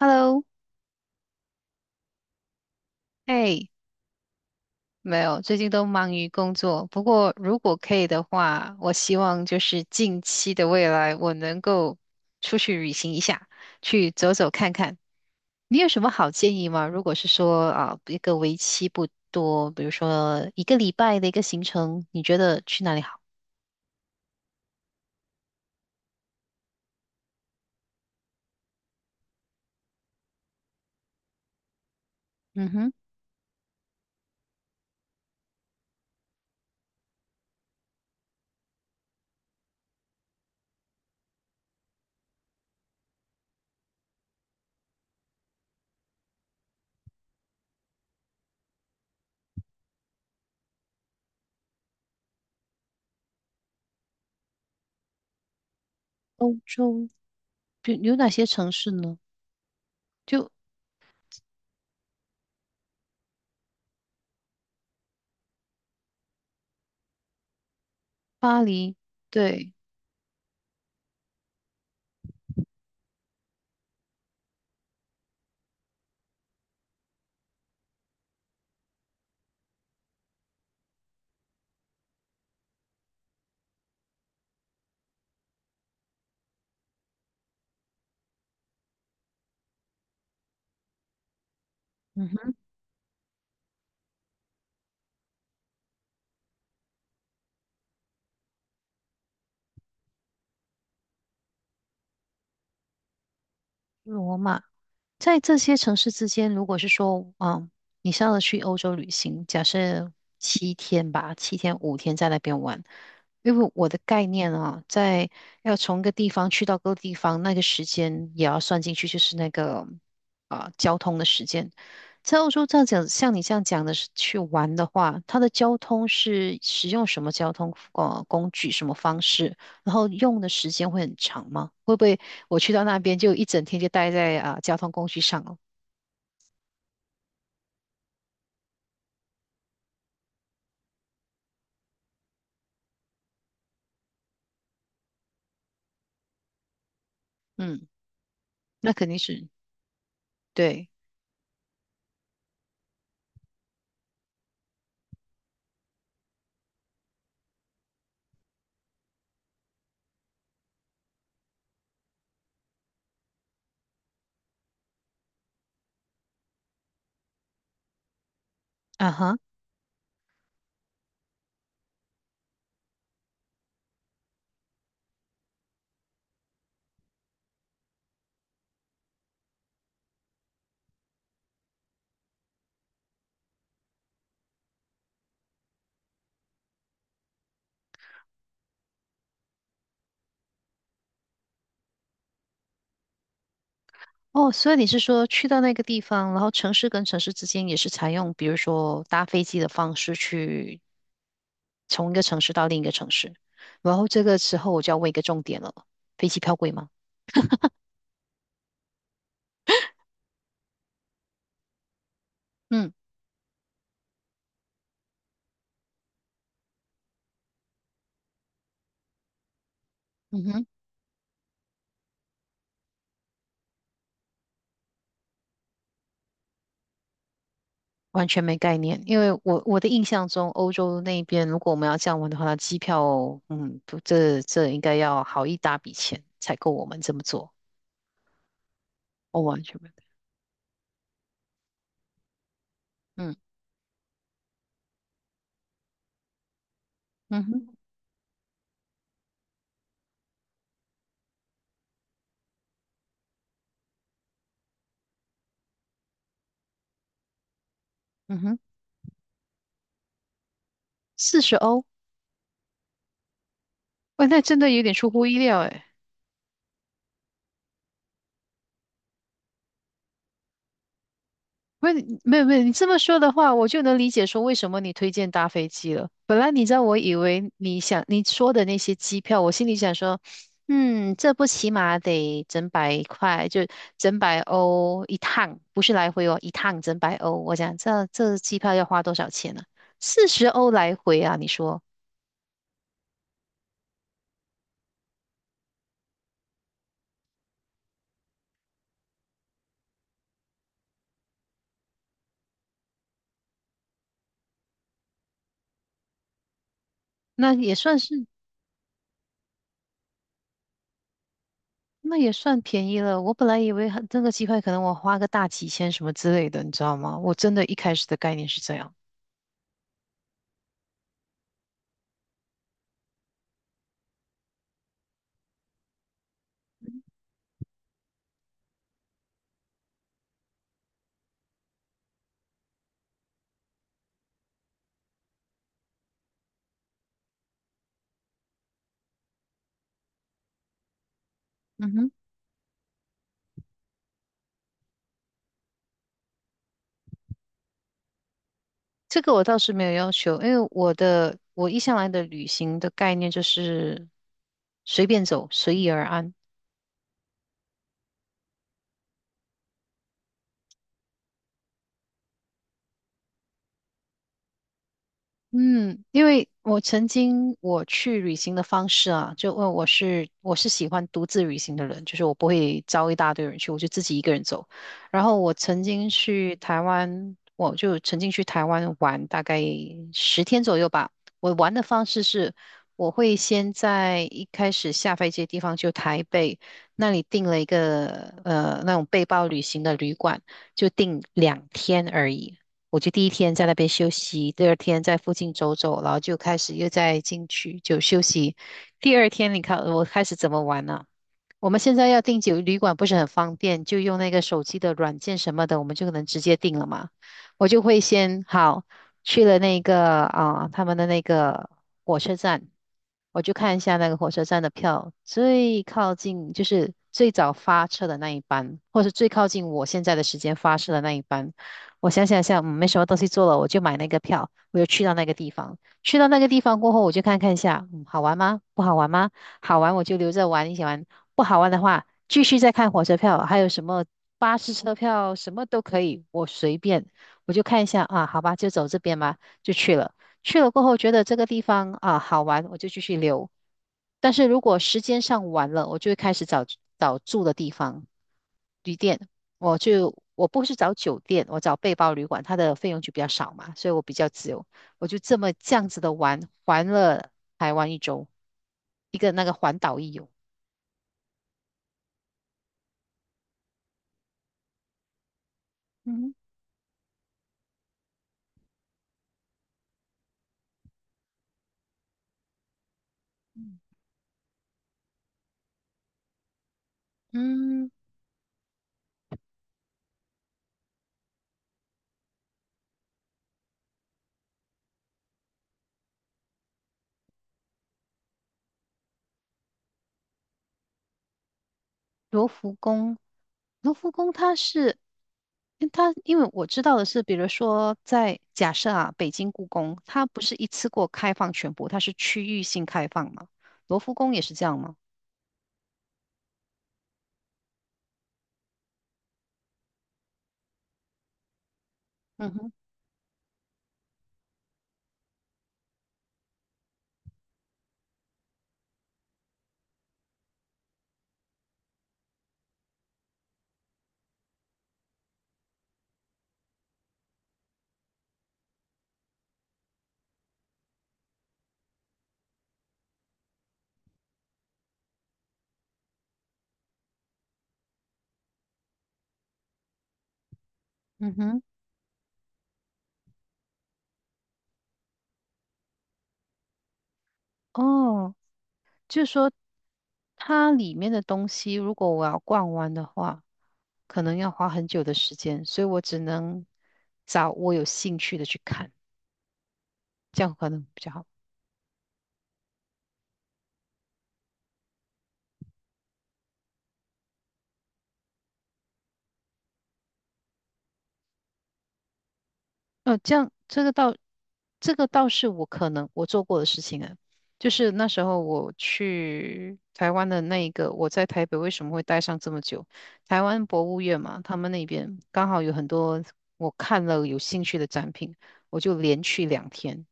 Hello，哎，没有，最近都忙于工作。不过，如果可以的话，我希望就是近期的未来，我能够出去旅行一下，去走走看看。你有什么好建议吗？如果是说啊，一个为期不多，比如说一个礼拜的一个行程，你觉得去哪里好？嗯哼，欧洲，比有哪些城市呢？就巴黎，对，嗯哼，罗马。在这些城市之间，如果是说，你是要去欧洲旅行，假设七天吧，七天5天在那边玩，因为我的概念啊，在要从一个地方去到各个地方，那个时间也要算进去，就是那个啊、交通的时间。在欧洲这样讲，像你这样讲的是去玩的话，它的交通是使用什么交通工具、什么方式，然后用的时间会很长吗？会不会我去到那边就一整天就待在啊、交通工具上了。嗯，那肯定是对啊哈。哦，所以你是说去到那个地方，然后城市跟城市之间也是采用，比如说搭飞机的方式去从一个城市到另一个城市。然后这个时候我就要问一个重点了，飞机票贵吗？嗯嗯哼，完全没概念，因为我的印象中，欧洲那边如果我们要这样玩的话，那机票，不这应该要好一大笔钱才够我们这么做。我完全没有嗯。嗯哼，嗯哼，四十欧，喂，那真的有点出乎意料诶。喂，没有没有，你这么说的话，我就能理解说为什么你推荐搭飞机了。本来你知道，我以为你说的那些机票，我心里想说，这不起码得整百块，就整百欧一趟，不是来回哦，一趟整百欧。我想这机票要花多少钱呢、四十欧来回啊，你说那也算是。那也算便宜了。我本来以为很这个机会可能我花个大几千什么之类的，你知道吗？我真的一开始的概念是这样。嗯哼，这个我倒是没有要求，因为我一向来的旅行的概念就是随便走，随意而安。嗯，因为我曾经我去旅行的方式啊，就问我是喜欢独自旅行的人，就是我不会招一大堆人去，我就自己一个人走。然后我曾经去台湾，我就曾经去台湾玩大概10天左右吧。我玩的方式是，我会先在一开始下飞机的地方，就台北那里订了一个那种背包旅行的旅馆，就订两天而已。我就第一天在那边休息，第二天在附近走走，然后就开始又再进去就休息。第二天你看我开始怎么玩呢、我们现在要订酒旅馆不是很方便，就用那个手机的软件什么的，我们就可能直接订了嘛。我就会先好去了那个啊、他们的那个火车站，我就看一下那个火车站的票，最靠近就是最早发车的那一班，或是最靠近我现在的时间发车的那一班。我想想，没什么东西做了，我就买那个票，我就去到那个地方。去到那个地方过后，我就看看一下，好玩吗？不好玩吗？好玩我就留着玩一起玩。不好玩的话，继续再看火车票，还有什么巴士车票，什么都可以，我随便，我就看一下啊，好吧，就走这边嘛，就去了。去了过后觉得这个地方啊好玩，我就继续留。但是如果时间上晚了，我就会开始找找住的地方，旅店。我不是找酒店，我找背包旅馆，它的费用就比较少嘛，所以我比较自由。我就这么这样子的玩，玩了台湾一周，一个那个环岛一游。嗯。嗯，罗浮宫，罗浮宫它是，因为我知道的是，比如说在假设啊，北京故宫，它不是一次过开放全部，它是区域性开放嘛，罗浮宫也是这样吗？嗯哼，嗯哼，哦，就是说它里面的东西，如果我要逛完的话，可能要花很久的时间，所以我只能找我有兴趣的去看，这样可能比较好。呃，这样这个倒，这个倒是我可能做过的事情啊，就是那时候我去台湾的那一个，我在台北为什么会待上这么久？台湾博物院嘛，他们那边刚好有很多我看了有兴趣的展品，我就连去两天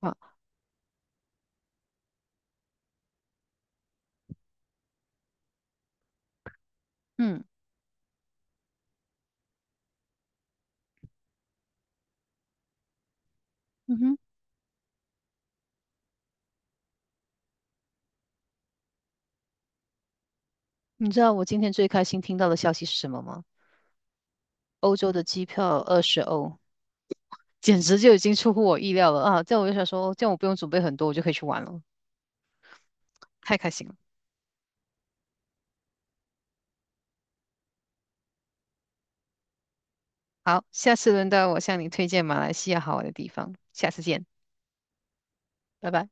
啊，嗯嗯哼，你知道我今天最开心听到的消息是什么吗？欧洲的机票20欧，简直就已经出乎我意料了啊！这样我就想说，哦这样我不用准备很多，我就可以去玩了，太开心了。好，下次轮到我向你推荐马来西亚好玩的地方，下次见，拜拜。